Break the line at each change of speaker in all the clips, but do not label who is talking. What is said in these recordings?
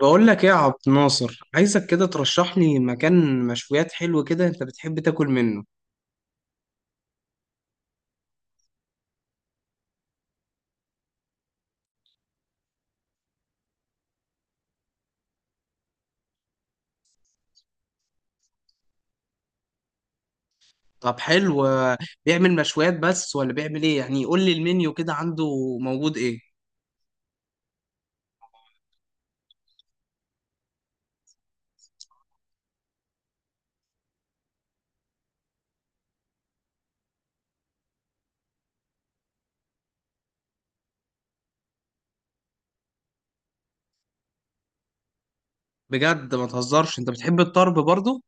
بقول لك ايه يا عبد الناصر، عايزك كده ترشح لي مكان مشويات حلو كده انت بتحب تاكل منه. طب حلو، بيعمل مشويات بس ولا بيعمل ايه؟ يعني قول لي المنيو كده عنده، موجود ايه؟ بجد ما تهزرش، انت بتحب الطرب برضو؟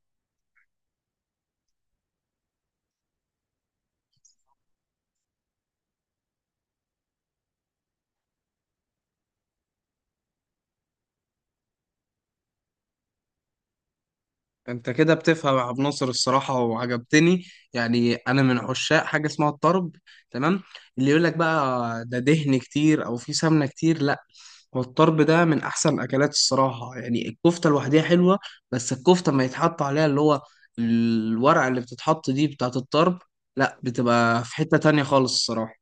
انت كده بتفهم يا عبد الناصر الصراحة وعجبتني. يعني انا من عشاق حاجة اسمها الطرب، تمام. اللي يقول لك بقى ده دهن كتير او في سمنة كتير، لا. والطرب ده من احسن الاكلات الصراحه، يعني الكفته لوحدها حلوه، بس الكفته ما يتحط عليها اللي هو الورقه اللي بتتحط دي بتاعه الطرب، لا، بتبقى في حته تانية خالص الصراحه.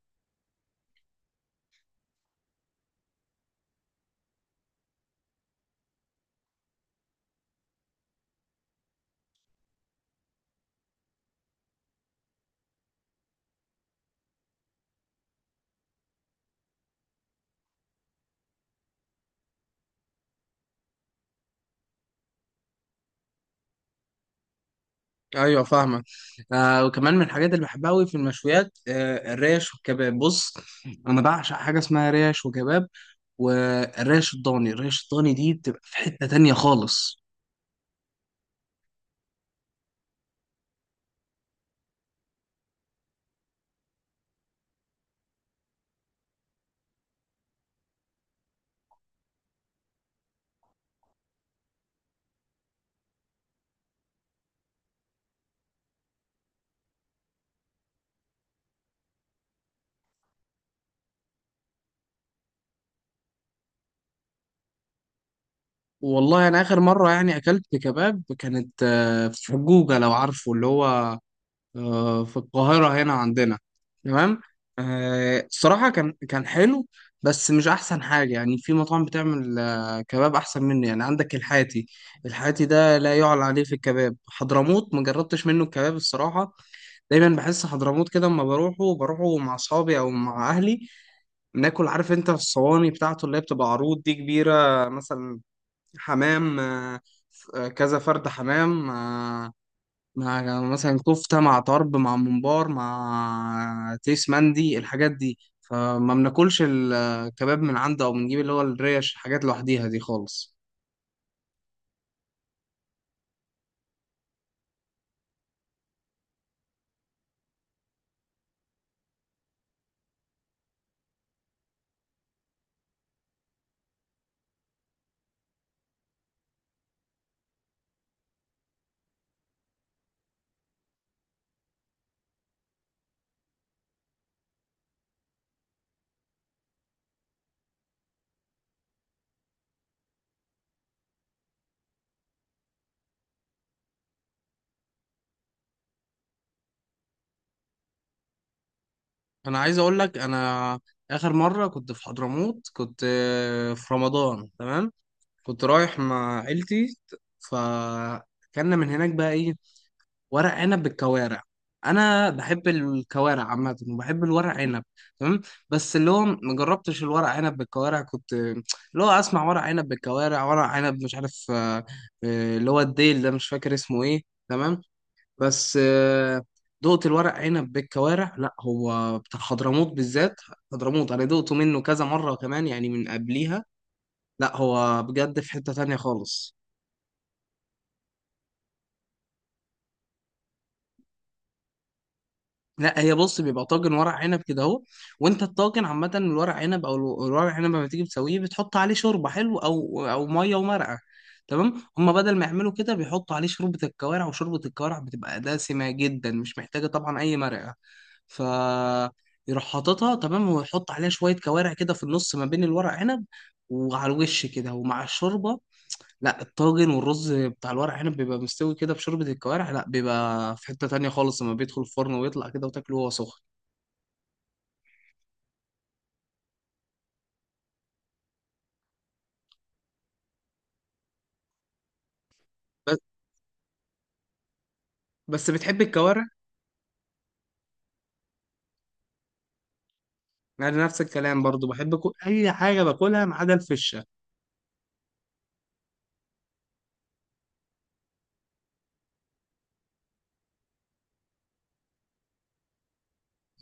ايوه، فاهمك. آه، وكمان من الحاجات اللي بحبها قوي في المشويات الريش والكباب. بص، انا بعشق حاجه اسمها ريش وكباب. والريش الضاني، الريش الضاني دي بتبقى في حته تانية خالص. والله انا اخر مره يعني اكلت كباب كانت في حجوجه، لو عارفه اللي هو، في القاهرة هنا عندنا، تمام. الصراحة كان حلو، بس مش أحسن حاجة. يعني في مطاعم بتعمل كباب أحسن منه، يعني عندك الحاتي. الحاتي ده لا يعلى عليه في الكباب. حضرموت ما جربتش منه الكباب الصراحة، دايما بحس حضرموت كده أما بروحه بروحه مع أصحابي أو مع أهلي بناكل، عارف أنت الصواني بتاعته اللي هي بتبقى عروض دي كبيرة، مثلا حمام، كذا فرد حمام، مع مثلا كفتة مع طرب مع ممبار مع تيس مندي، الحاجات دي، فما بناكلش الكباب من عنده او بنجيب اللي هو الريش، الحاجات لوحديها دي خالص. انا عايز اقول لك، انا اخر مرة كنت في حضرموت كنت في رمضان، تمام. كنت رايح مع عيلتي، فكنا من هناك بقى ايه، ورق عنب بالكوارع. انا بحب الكوارع عامه وبحب الورق عنب، تمام. بس اللي هو ما جربتش الورق عنب بالكوارع، كنت اللي هو اسمع ورق عنب بالكوارع، ورق عنب مش عارف اللي هو الديل ده، مش فاكر اسمه ايه، تمام. بس دقت الورق عنب بالكوارع، لا هو بتاع حضرموت بالذات. حضرموت انا دقته منه كذا مره كمان يعني من قبليها، لا هو بجد في حته تانية خالص. لا، هي بص، بيبقى طاجن ورق عنب كده اهو، وانت الطاجن عامه الورق عنب او الورق عنب لما تيجي تسويه بتحط عليه شوربه حلو او او ميه ومرقه، تمام. هما بدل ما يعملوا كده بيحطوا عليه شوربه الكوارع، وشوربه الكوارع بتبقى دسمه جدا، مش محتاجه طبعا اي مرقه. ف يروح حاططها، تمام، ويحط عليها شويه كوارع كده في النص ما بين الورق عنب وعلى الوش كده ومع الشوربه. لا، الطاجن والرز بتاع الورق عنب بيبقى مستوي كده في شوربة الكوارع، لا بيبقى في حتة تانية خالص لما بيدخل الفرن ويطلع كده وتاكله وهو سخن. بس بس بتحب الكوارع؟ أنا نفس الكلام برضو، بحب أي حاجة باكلها ما عدا الفشة.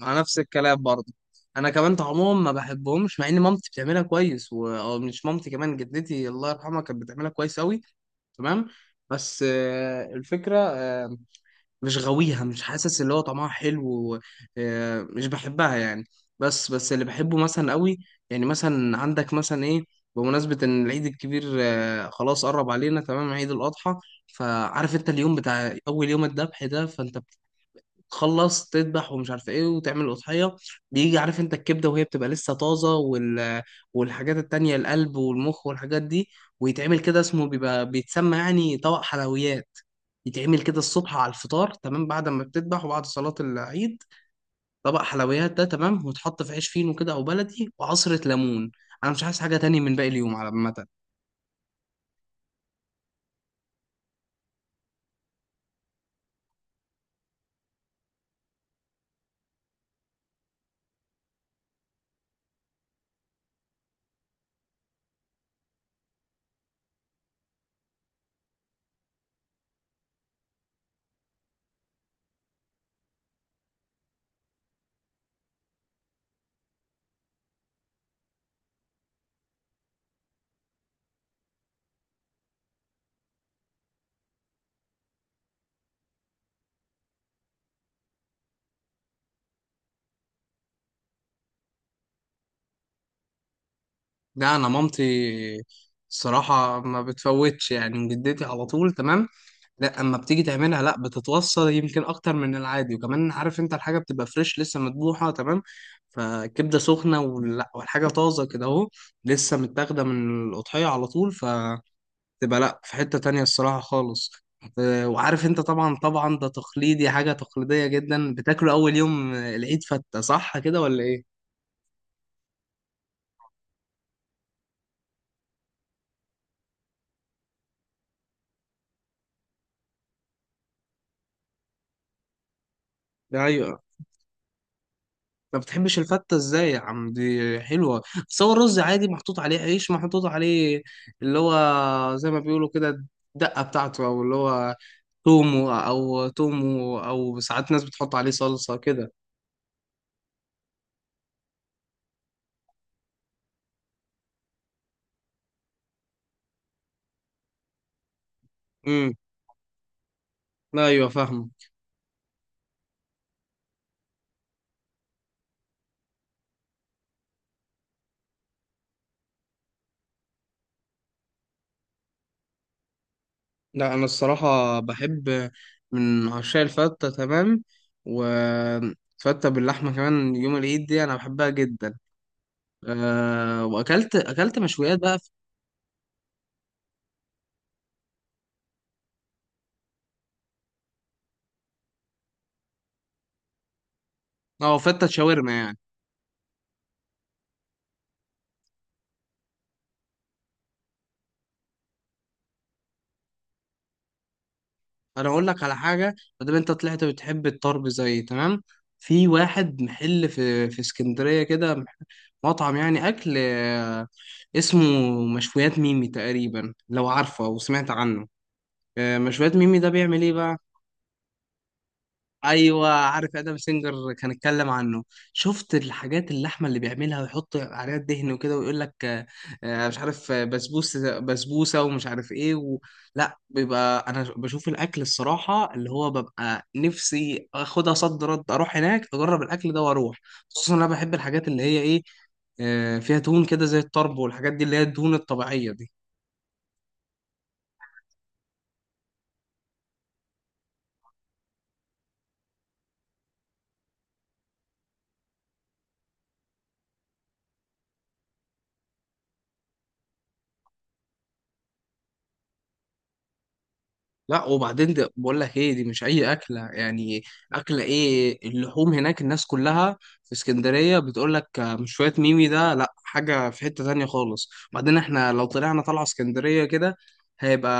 مع نفس الكلام برضو، أنا كمان طعمهم ما بحبهمش، مع إن مامتي بتعملها أو مش مامتي، كمان جدتي الله يرحمها كانت بتعملها كويس أوي، تمام. بس الفكرة، مش غاويها، مش حاسس اللي هو طعمها حلو و- مش بحبها يعني. بس اللي بحبه مثلا قوي، يعني مثلا عندك مثلا ايه، بمناسبة ان العيد الكبير خلاص قرب علينا، تمام، عيد الأضحى. فعارف انت اليوم بتاع اول يوم الذبح ده، فانت تخلص تذبح ومش عارف ايه وتعمل اضحيه، بيجي عارف انت الكبده وهي بتبقى لسه طازه والحاجات التانية، القلب والمخ والحاجات دي، ويتعمل كده، اسمه بيبقى بيتسمى يعني طبق حلويات. يتعمل كده الصبح على الفطار، تمام، بعد ما بتذبح وبعد صلاه العيد. طبق حلويات ده، تمام، وتحط في عيش فينو كده او بلدي وعصره ليمون، انا مش عايز حاجه تاني من باقي اليوم على عامه. لا، انا مامتي الصراحه ما بتفوتش، يعني جدتي على طول، تمام. لا، اما بتيجي تعملها، لا بتتوصل يمكن اكتر من العادي، وكمان عارف انت الحاجه بتبقى فريش لسه مذبوحه، تمام، فكبده سخنه ولا، والحاجه طازه كده اهو، لسه متاخده من القطعيه على طول، فتبقى لا في حته تانية الصراحه خالص. وعارف انت طبعا، طبعا ده تقليدي، حاجه تقليديه جدا بتاكله اول يوم العيد، فته، صح كده ولا ايه؟ ايوه. ما بتحبش الفتة ازاي يا عم، دي حلوة. بس هو الرز عادي محطوط عليه عيش محطوط عليه، اللي هو زي ما بيقولوا كده الدقة بتاعته، او اللي هو تومو او تومو، او ساعات ناس بتحط عليه صلصة كده. امم لا، ايوه فاهمه. لا، انا الصراحة بحب، من عشاق الفتة، تمام، وفتة باللحمة كمان يوم العيد دي انا بحبها جدا. أه، واكلت مشويات بقى. اه، فتة شاورما يعني. انا اقول لك على حاجه، ما دام انت طلعت بتحب الطرب زي تمام، في واحد محل في اسكندريه كده مطعم يعني اكل، اسمه مشويات ميمي تقريبا، لو عارفه او سمعت عنه. مشويات ميمي ده بيعمل ايه بقى؟ ايوه، عارف ادم سينجر كان اتكلم عنه، شفت الحاجات اللحمه اللي بيعملها ويحط عليها الدهن وكده، ويقول لك مش عارف، بسبوسه بسبوسه ومش عارف ايه و... لا بيبقى انا بشوف الاكل الصراحه، اللي هو ببقى نفسي اخدها صد رد اروح هناك اجرب الاكل ده واروح. خصوصا انا بحب الحاجات اللي هي ايه، فيها دهون كده زي الطرب والحاجات دي اللي هي الدهون الطبيعيه دي. لا وبعدين ده بقول لك ايه، دي مش اي اكله يعني، اكله ايه اللحوم هناك، الناس كلها في اسكندريه بتقول لك مش شويه ميمي ده، لا حاجه في حته تانية خالص. بعدين احنا لو طلعنا طلعه اسكندريه كده، هيبقى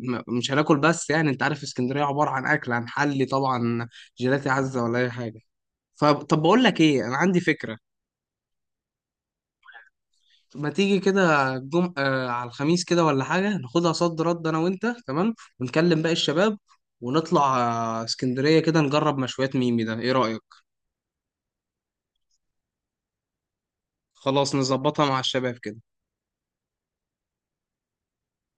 مش هناكل بس، يعني انت عارف اسكندريه عباره عن اكل، عن حلي طبعا، جيلاتي عزه ولا اي حاجه. فطب بقول لك ايه، انا عندي فكره، ما تيجي كده الجم... آه على الخميس كده ولا حاجة، ناخدها صد رد أنا وأنت، تمام، ونكلم باقي الشباب ونطلع، آه، اسكندرية كده نجرب مشويات ميمي ده، إيه رأيك؟ خلاص نظبطها مع الشباب كده.